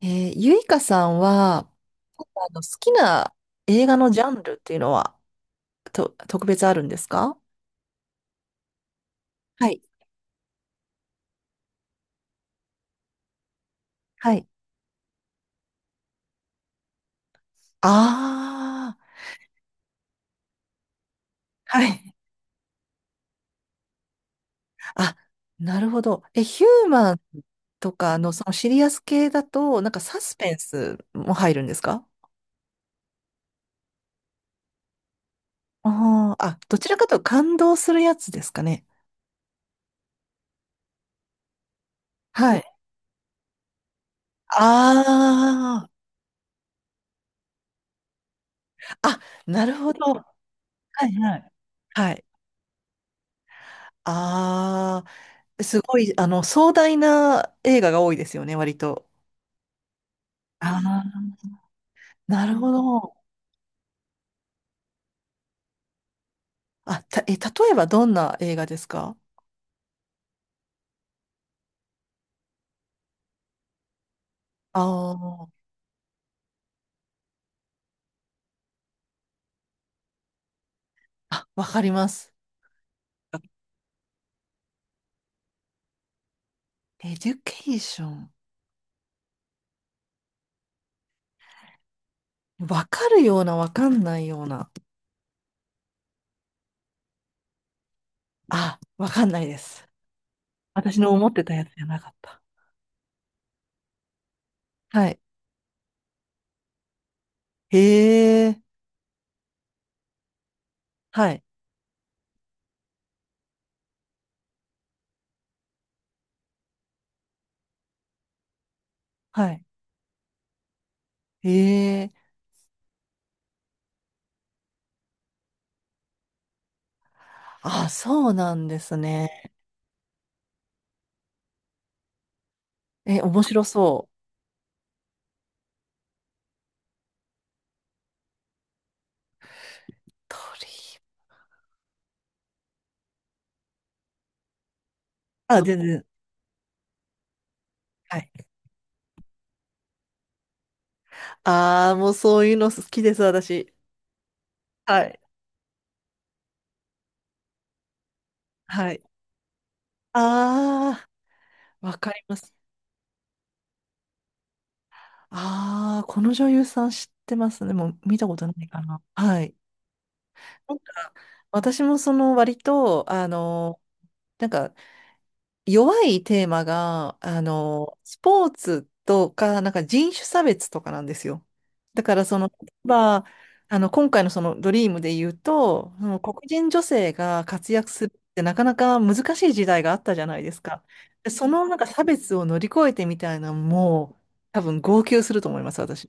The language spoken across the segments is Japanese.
ゆいかさんは、好きな映画のジャンルっていうのは、特別あるんですか？はい。はい。ああはい。あ、なるほど。ヒューマンとかのそのシリアス系だと、なんかサスペンスも入るんですか？あ、どちらかというと感動するやつですかね。はい。ああ、あ、なるほど。はいはい。はい。あすごい、壮大な映画が多いですよね、割と。ああ、なるほど。例えばどんな映画ですか？あーあ、わかります。エデュケーション。わかるような、わかんないような。あ、わかんないです。私の思ってたやつじゃなかった。はい。へえ、はい、はい。へえ、あ、そうなんですね。え、面白そう。鳥。あ、全然。はい。ああ、もうそういうの好きです、私。はい。はい。ああ、わかります。ああ、この女優さん知ってますね。もう見たことないかな。はい。なんか、私もその割と、なんか、弱いテーマが、スポーツとか、なんか人種差別とかなんですよ。だからその、例えば、今回のそのドリームで言うと、その黒人女性が活躍するってなかなか難しい時代があったじゃないですか。でそのなんか差別を乗り越えてみたいな、もう、多分号泣すると思います、私。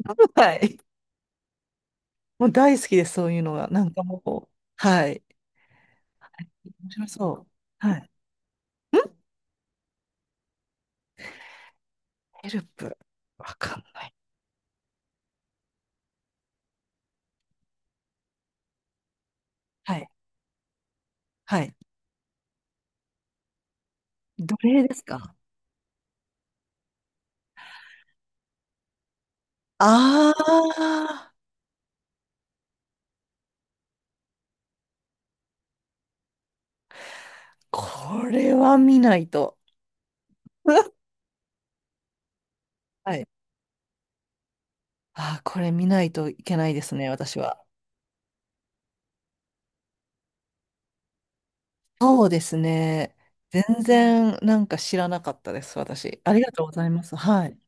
はい。もう大好きです、そういうのが。なんかもう、はい。面白そう。はい。ヘルプ。わかんない。はい。はい。奴隷ですか？ああー、これは見ないと。はい。これ見ないといけないですね、私は。そうですね。全然なんか知らなかったです、私。ありがとうございます。はい。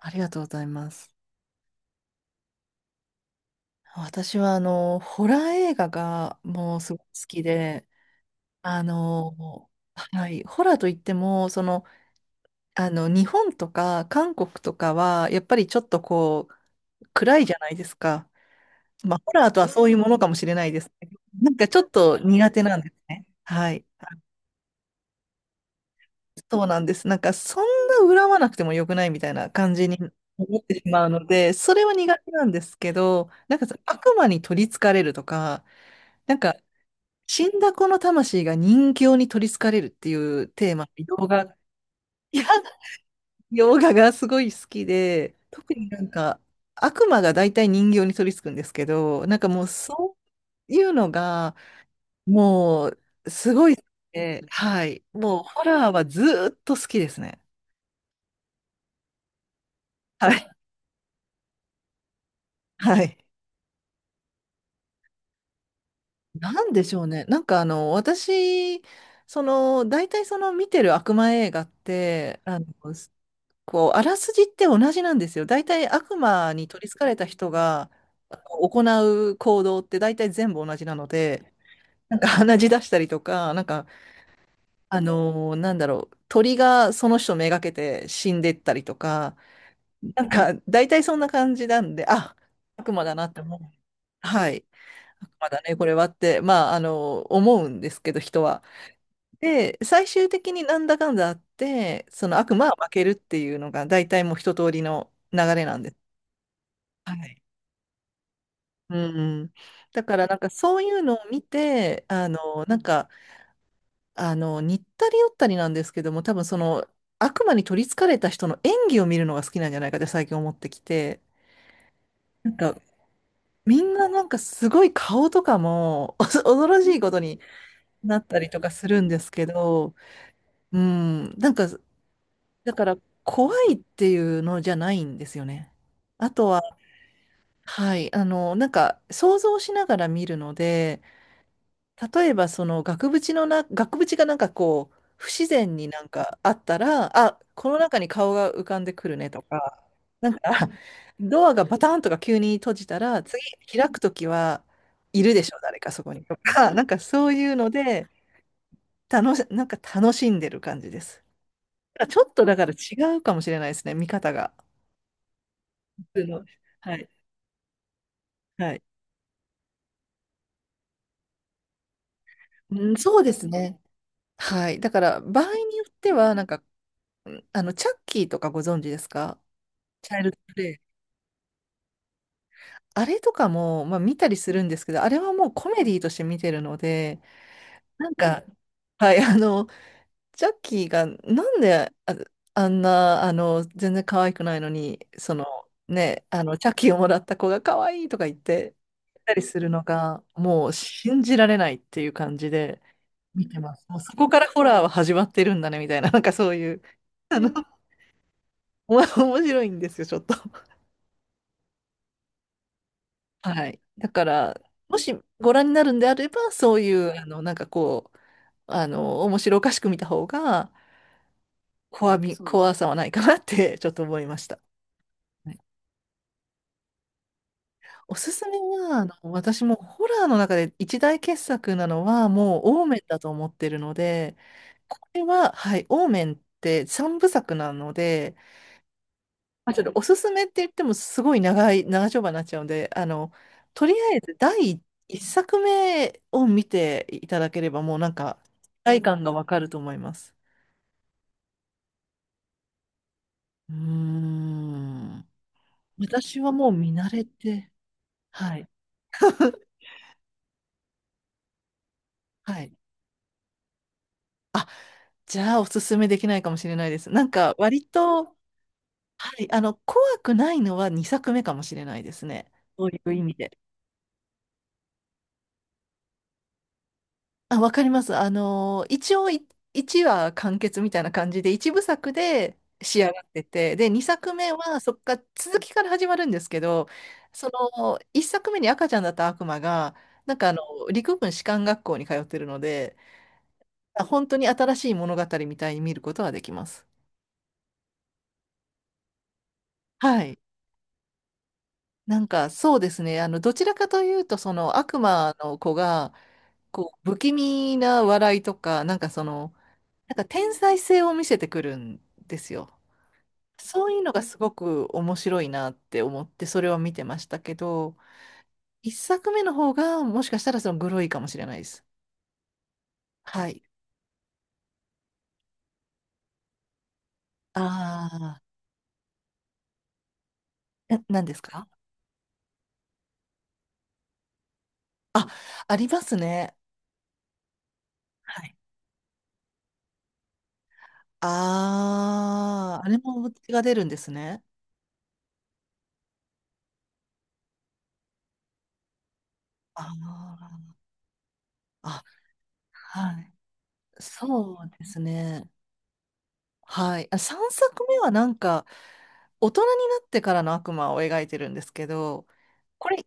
ありがとうございます。私はあの、ホラー映画がもうすごく好きで、あの、はい、ホラーといっても、日本とか韓国とかは、やっぱりちょっと暗いじゃないですか。まあ、ホラーとはそういうものかもしれないですね。なんかちょっと苦手なんですね。はい。そうなんです。なんかそんな恨まなくてもよくないみたいな感じに思ってしまうので、それは苦手なんですけど、なんかその悪魔に取り憑かれるとか、なんか死んだ子の魂が人形に取り憑かれるっていうテーマ、洋画、いや、洋画がすごい好きで、特になんか悪魔が大体人形に取り憑くんですけど、なんかもうそういうのが、もう、すごい好きで、はい。もう、ホラーはずーっと好きですね。はい。はい。なんでしょうね。なんか、私、大体その見てる悪魔映画って、あらすじって同じなんですよ。大体悪魔に取り憑かれた人が行う行動って大体全部同じなので、なんか鼻血出したりとか、なんか、なんだろう、鳥がその人めがけて死んでったりとか、なんか、大体そんな感じなんで、あ、悪魔だなって思う。はい。悪魔だね、これはって、まあ、思うんですけど、人は。で、最終的になんだかんだあって、その悪魔は負けるっていうのが、大体もう一通りの流れなんです。はい。うん。だから、なんかそういうのを見て、なんか、似ったり寄ったりなんですけども、多分悪魔に取り憑かれた人の演技を見るのが好きなんじゃないかって最近思ってきて、なんか、みんななんかすごい顔とかも 恐ろしいことになったりとかするんですけど、うん、なんか、だから怖いっていうのじゃないんですよね。あとは、はい、なんか想像しながら見るので、例えばその額縁がなんか不自然になんかあったら、あ、この中に顔が浮かんでくるねとか、なんかドアがバタンとか急に閉じたら、次開くときはいるでしょ、誰かそこにとか、なんかそういうので、なんか楽しんでる感じです。ちょっとだから違うかもしれないですね、見方が。普通のはい。はい。うん、そうですね。はい。だから、場合によっては、なんか、チャッキーとかご存知ですか？チャイルドプレイ。あれとかも、まあ、見たりするんですけど、あれはもうコメディとして見てるので、なんかうん。はい、ジャッキーがなんであんな、全然可愛くないのに、チャッキーをもらった子が可愛いとか言ってたりするのが、もう信じられないっていう感じで見てます。もうそこからホラーは始まってるんだね、みたいな、なんかそういう、面白いんですよ、ちょっと。はい。だから、もしご覧になるんであれば、そういう、なんか面白おかしく見た方が、そう怖さはないかなって、ちょっと思いました。はい。おすすめは、私もホラーの中で一大傑作なのは、もう、オーメンだと思ってるので、これは、はい、オーメンって三部作なので、まあ、ちょっとおすすめって言ってもすごい長丁場になっちゃうんで、とりあえず第一作目を見ていただければもうなんか、体感がわかると思います。うーん。私はもう見慣れて、はい。はい。じゃあ、おすすめできないかもしれないです。なんか、割と、はい、怖くないのは2作目かもしれないですね。そういう意味で。あ、わかります。一応1話完結みたいな感じで、一部作で仕上がってて、で、2作目はそっから続きから始まるんですけど、その1作目に赤ちゃんだった悪魔が、なんか陸軍士官学校に通ってるので、本当に新しい物語みたいに見ることはできます。はい。なんかそうですね、どちらかというと、その悪魔の子が、不気味な笑いとか、なんか天才性を見せてくるんですよ。そういうのがすごく面白いなって思ってそれを見てましたけど、一作目の方がもしかしたらグロいかもしれないです。はい。ああ、何ですか？あ、ありますね。はい。ああ、あれも血が出るんですね。ああ、あ、はい。そうですね。はい。あ、3作目はなんか大人になってからの悪魔を描いてるんですけど、これ、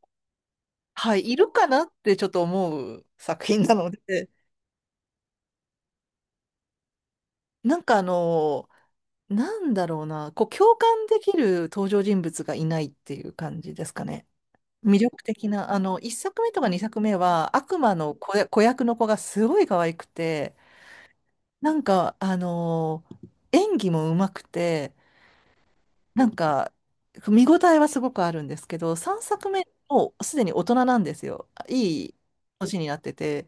はい、いるかなってちょっと思う作品なので、なんかなんだろうな、共感できる登場人物がいないっていう感じですかね。魅力的な、一作目とか二作目は悪魔の子や、子役の子がすごい可愛くて、なんか演技も上手くて、なんか見応えはすごくあるんですけど、三作目もうすでに大人なんですよ。いい年になってて、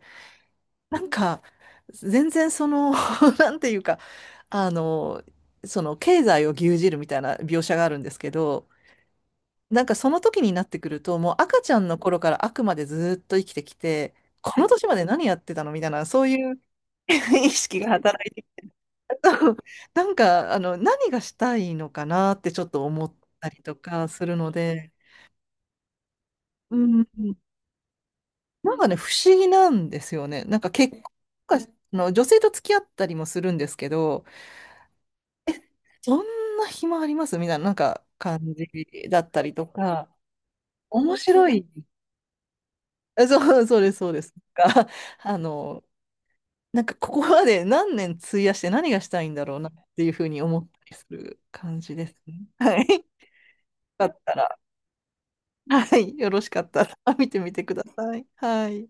なんか、全然なんていうか、あの、その経済を牛耳るみたいな描写があるんですけど、なんかその時になってくると、もう赤ちゃんの頃からあくまでずっと生きてきて、この年まで何やってたのみたいな、そういう 意識が働いてると、なんか、何がしたいのかなってちょっと思ったりとかするので、うん、なんかね、不思議なんですよね。なんか結婚とか、あの女性と付き合ったりもするんですけど、そんな暇ありますみたいな、なんか感じだったりとか、面白い。そう、そうです、そうです。あの、なんかここまで何年費やして何がしたいんだろうなっていうふうに思ったりする感じですね。はい。よかったら、はい、よろしかったら見てみてください。はい。